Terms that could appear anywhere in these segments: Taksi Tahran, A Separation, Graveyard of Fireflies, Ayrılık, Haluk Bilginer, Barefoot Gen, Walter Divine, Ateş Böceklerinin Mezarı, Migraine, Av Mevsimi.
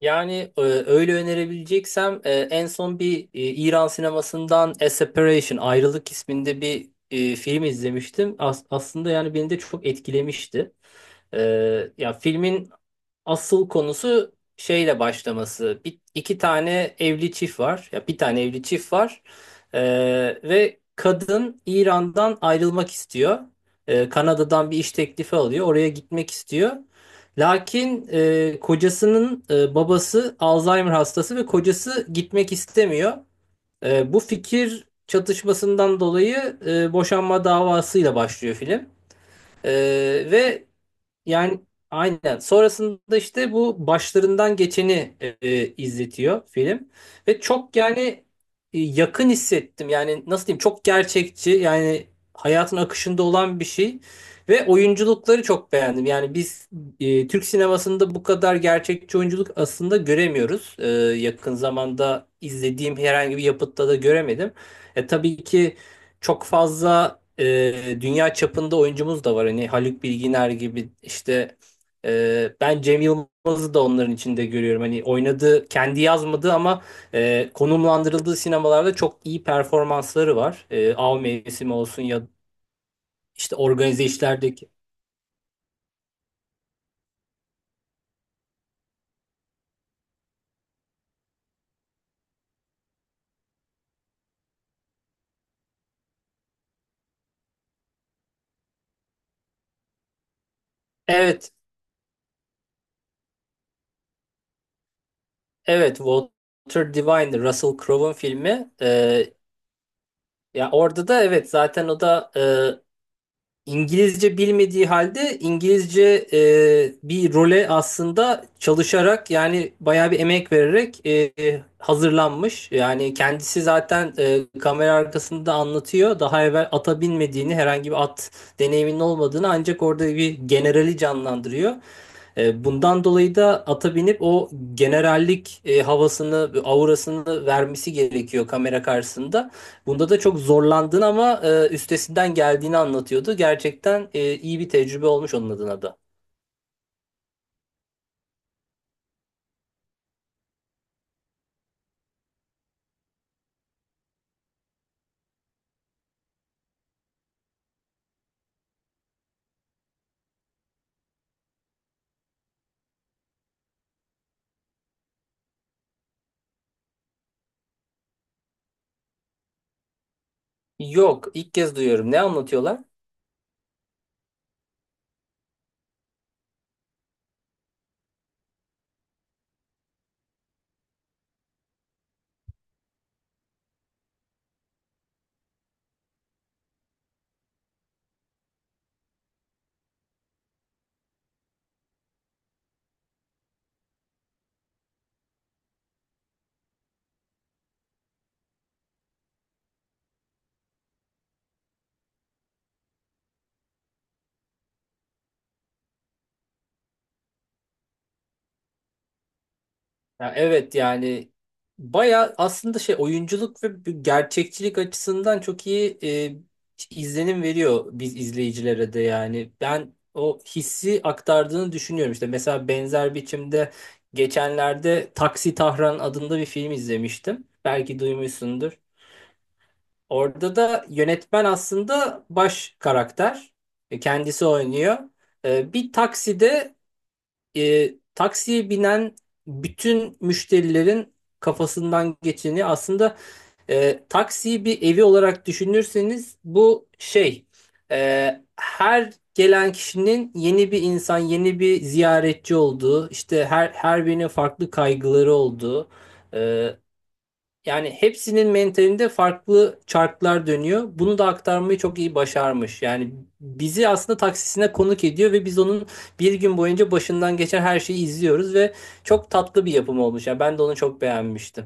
Yani öyle önerebileceksem en son bir İran sinemasından A Separation Ayrılık isminde bir film izlemiştim. Aslında yani beni de çok etkilemişti. E, Ya filmin asıl konusu şeyle başlaması. İki tane evli çift var. Ya bir tane evli çift var. Ee, Ve kadın İran'dan ayrılmak istiyor. Kanada'dan bir iş teklifi alıyor. Oraya gitmek istiyor. Lakin kocasının babası Alzheimer hastası ve kocası gitmek istemiyor. Bu fikir çatışmasından dolayı boşanma davasıyla başlıyor film. E, Ve yani aynen. Sonrasında işte bu başlarından geçeni izletiyor film. Ve çok yani yakın hissettim. Yani nasıl diyeyim çok gerçekçi yani hayatın akışında olan bir şey. Ve oyunculukları çok beğendim. Yani biz Türk sinemasında bu kadar gerçekçi oyunculuk aslında göremiyoruz. Yakın zamanda izlediğim herhangi bir yapıtta da göremedim. Tabii ki çok fazla dünya çapında oyuncumuz da var. Hani Haluk Bilginer gibi işte ben Cem Yılmaz'ı da onların içinde görüyorum. Hani oynadığı, kendi yazmadığı ama konumlandırıldığı sinemalarda çok iyi performansları var. Av Mevsimi olsun ya işte organize işlerdeki. Evet, evet Walter Divine, Russell Crowe'un filmi. Ya orada da evet zaten o da İngilizce bilmediği halde İngilizce bir role aslında çalışarak yani bayağı bir emek vererek hazırlanmış. Yani kendisi zaten kamera arkasında anlatıyor. Daha evvel ata binmediğini, herhangi bir at deneyiminin olmadığını ancak orada bir generali canlandırıyor. Bundan dolayı da ata binip o generallik havasını, aurasını vermesi gerekiyor kamera karşısında. Bunda da çok zorlandığını ama üstesinden geldiğini anlatıyordu. Gerçekten iyi bir tecrübe olmuş onun adına da. Yok, ilk kez duyuyorum. Ne anlatıyorlar? Ya evet yani baya aslında şey oyunculuk ve bir gerçekçilik açısından çok iyi izlenim veriyor biz izleyicilere de yani. Ben o hissi aktardığını düşünüyorum işte. Mesela benzer biçimde geçenlerde Taksi Tahran adında bir film izlemiştim. Belki duymuşsundur. Orada da yönetmen aslında baş karakter. Kendisi oynuyor. Bir takside taksiye binen bütün müşterilerin kafasından geçeni aslında taksiyi bir evi olarak düşünürseniz bu şey her gelen kişinin yeni bir insan, yeni bir ziyaretçi olduğu, işte her birinin farklı kaygıları olduğu e, yani hepsinin mentalinde farklı çarklar dönüyor. Bunu da aktarmayı çok iyi başarmış. Yani bizi aslında taksisine konuk ediyor ve biz onun bir gün boyunca başından geçen her şeyi izliyoruz ve çok tatlı bir yapım olmuş. Yani ben de onu çok beğenmiştim.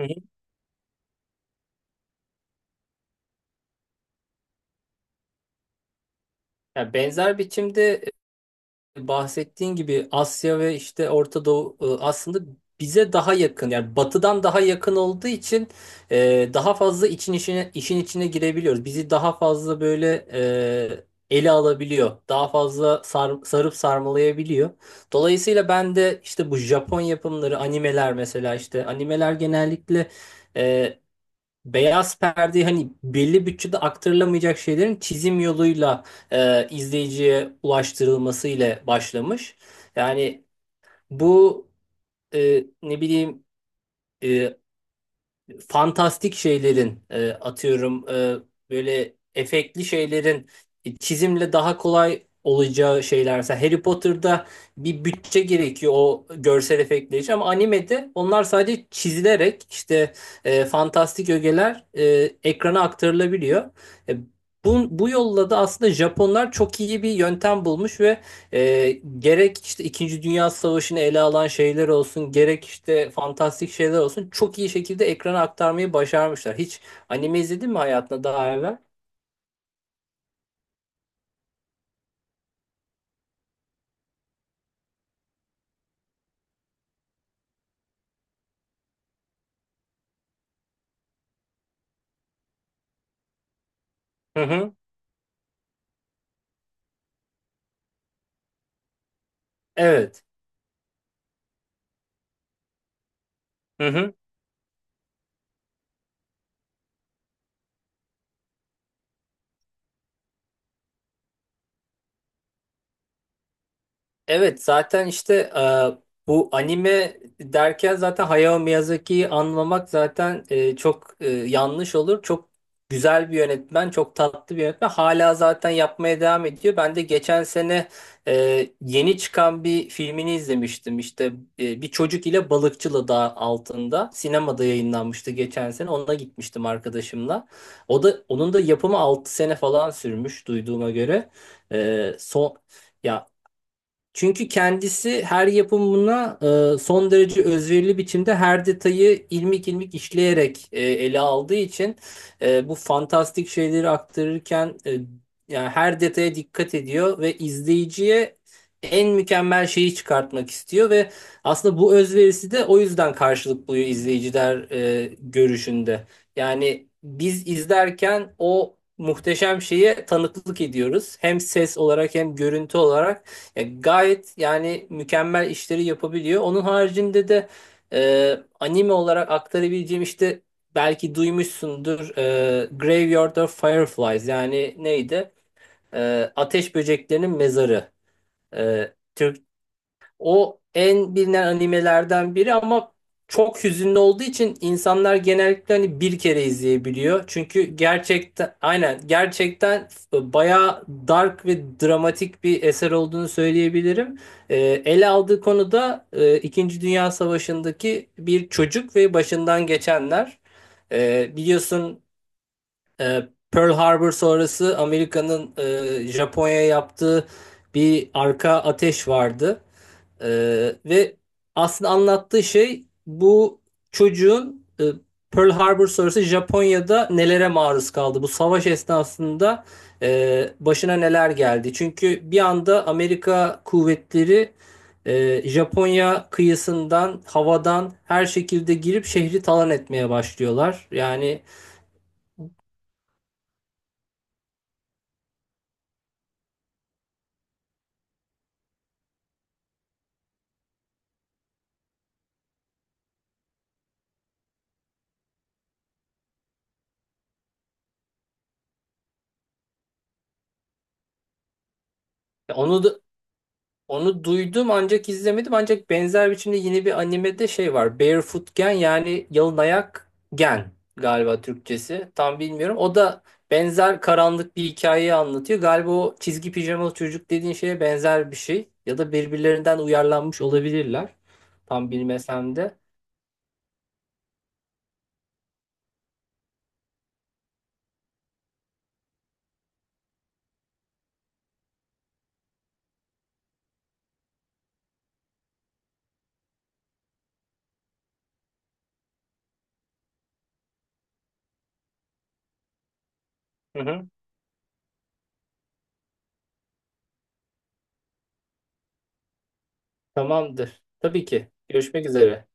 Hı hı. Yani benzer biçimde bahsettiğin gibi Asya ve işte Orta Doğu aslında bize daha yakın yani batıdan daha yakın olduğu için daha fazla için işine, işin içine girebiliyoruz. Bizi daha fazla böyle ele alabiliyor. Daha fazla sarıp sarmalayabiliyor. Dolayısıyla ben de işte bu Japon yapımları, animeler mesela işte animeler genellikle e, beyaz perde hani belli bütçede aktarılamayacak şeylerin çizim yoluyla izleyiciye ulaştırılması ile başlamış. Yani bu ne bileyim e, fantastik şeylerin atıyorum böyle efektli şeylerin çizimle daha kolay olacağı şeylerse Harry Potter'da bir bütçe gerekiyor o görsel efektler için ama animede onlar sadece çizilerek işte fantastik ögeler ekrana aktarılabiliyor. E, bu yolla da aslında Japonlar çok iyi bir yöntem bulmuş ve e, gerek işte İkinci Dünya Savaşı'nı ele alan şeyler olsun, gerek işte fantastik şeyler olsun çok iyi şekilde ekrana aktarmayı başarmışlar. Hiç anime izledin mi hayatında daha evvel? Hı hı. Evet. Hı hı. Evet zaten işte bu anime derken zaten Hayao Miyazaki'yi anlamak zaten çok yanlış olur. Çok güzel bir yönetmen, çok tatlı bir yönetmen. Hala zaten yapmaya devam ediyor. Ben de geçen sene yeni çıkan bir filmini izlemiştim. İşte bir çocuk ile balıkçılı dağ altında sinemada yayınlanmıştı geçen sene. Ona gitmiştim arkadaşımla. O da onun da yapımı 6 sene falan sürmüş duyduğuma göre. Son ya çünkü kendisi her yapımına son derece özverili biçimde her detayı ilmik ilmik işleyerek ele aldığı için bu fantastik şeyleri aktarırken yani her detaya dikkat ediyor ve izleyiciye en mükemmel şeyi çıkartmak istiyor ve aslında bu özverisi de o yüzden karşılık buluyor izleyiciler görüşünde. Yani biz izlerken o muhteşem şeye tanıklık ediyoruz. Hem ses olarak hem görüntü olarak. Gayet yani mükemmel işleri yapabiliyor. Onun haricinde de anime olarak aktarabileceğim işte belki duymuşsundur Graveyard of Fireflies yani neydi? Ateş Böceklerinin Mezarı. E, O en bilinen animelerden biri ama çok hüzünlü olduğu için insanlar genellikle hani bir kere izleyebiliyor. Çünkü gerçekten aynen gerçekten bayağı dark ve dramatik bir eser olduğunu söyleyebilirim. Ee, Ele aldığı konu da İkinci Dünya Savaşı'ndaki bir çocuk ve başından geçenler. Biliyorsun Pearl Harbor sonrası Amerika'nın Japonya'ya yaptığı bir arka ateş vardı. Ve aslında anlattığı şey bu çocuğun Pearl Harbor sonrası Japonya'da nelere maruz kaldı. Bu savaş esnasında başına neler geldi. Çünkü bir anda Amerika kuvvetleri Japonya kıyısından, havadan her şekilde girip şehri talan etmeye başlıyorlar. Yani onu da Onu duydum ancak izlemedim. Ancak benzer biçimde yine bir animede şey var. Barefoot Gen yani yalın ayak gen galiba Türkçesi. Tam bilmiyorum. O da benzer karanlık bir hikayeyi anlatıyor. Galiba o çizgi pijamalı çocuk dediğin şeye benzer bir şey. Ya da birbirlerinden uyarlanmış olabilirler. Tam bilmesem de. Hı hı. Tamamdır. Tabii ki. Görüşmek üzere.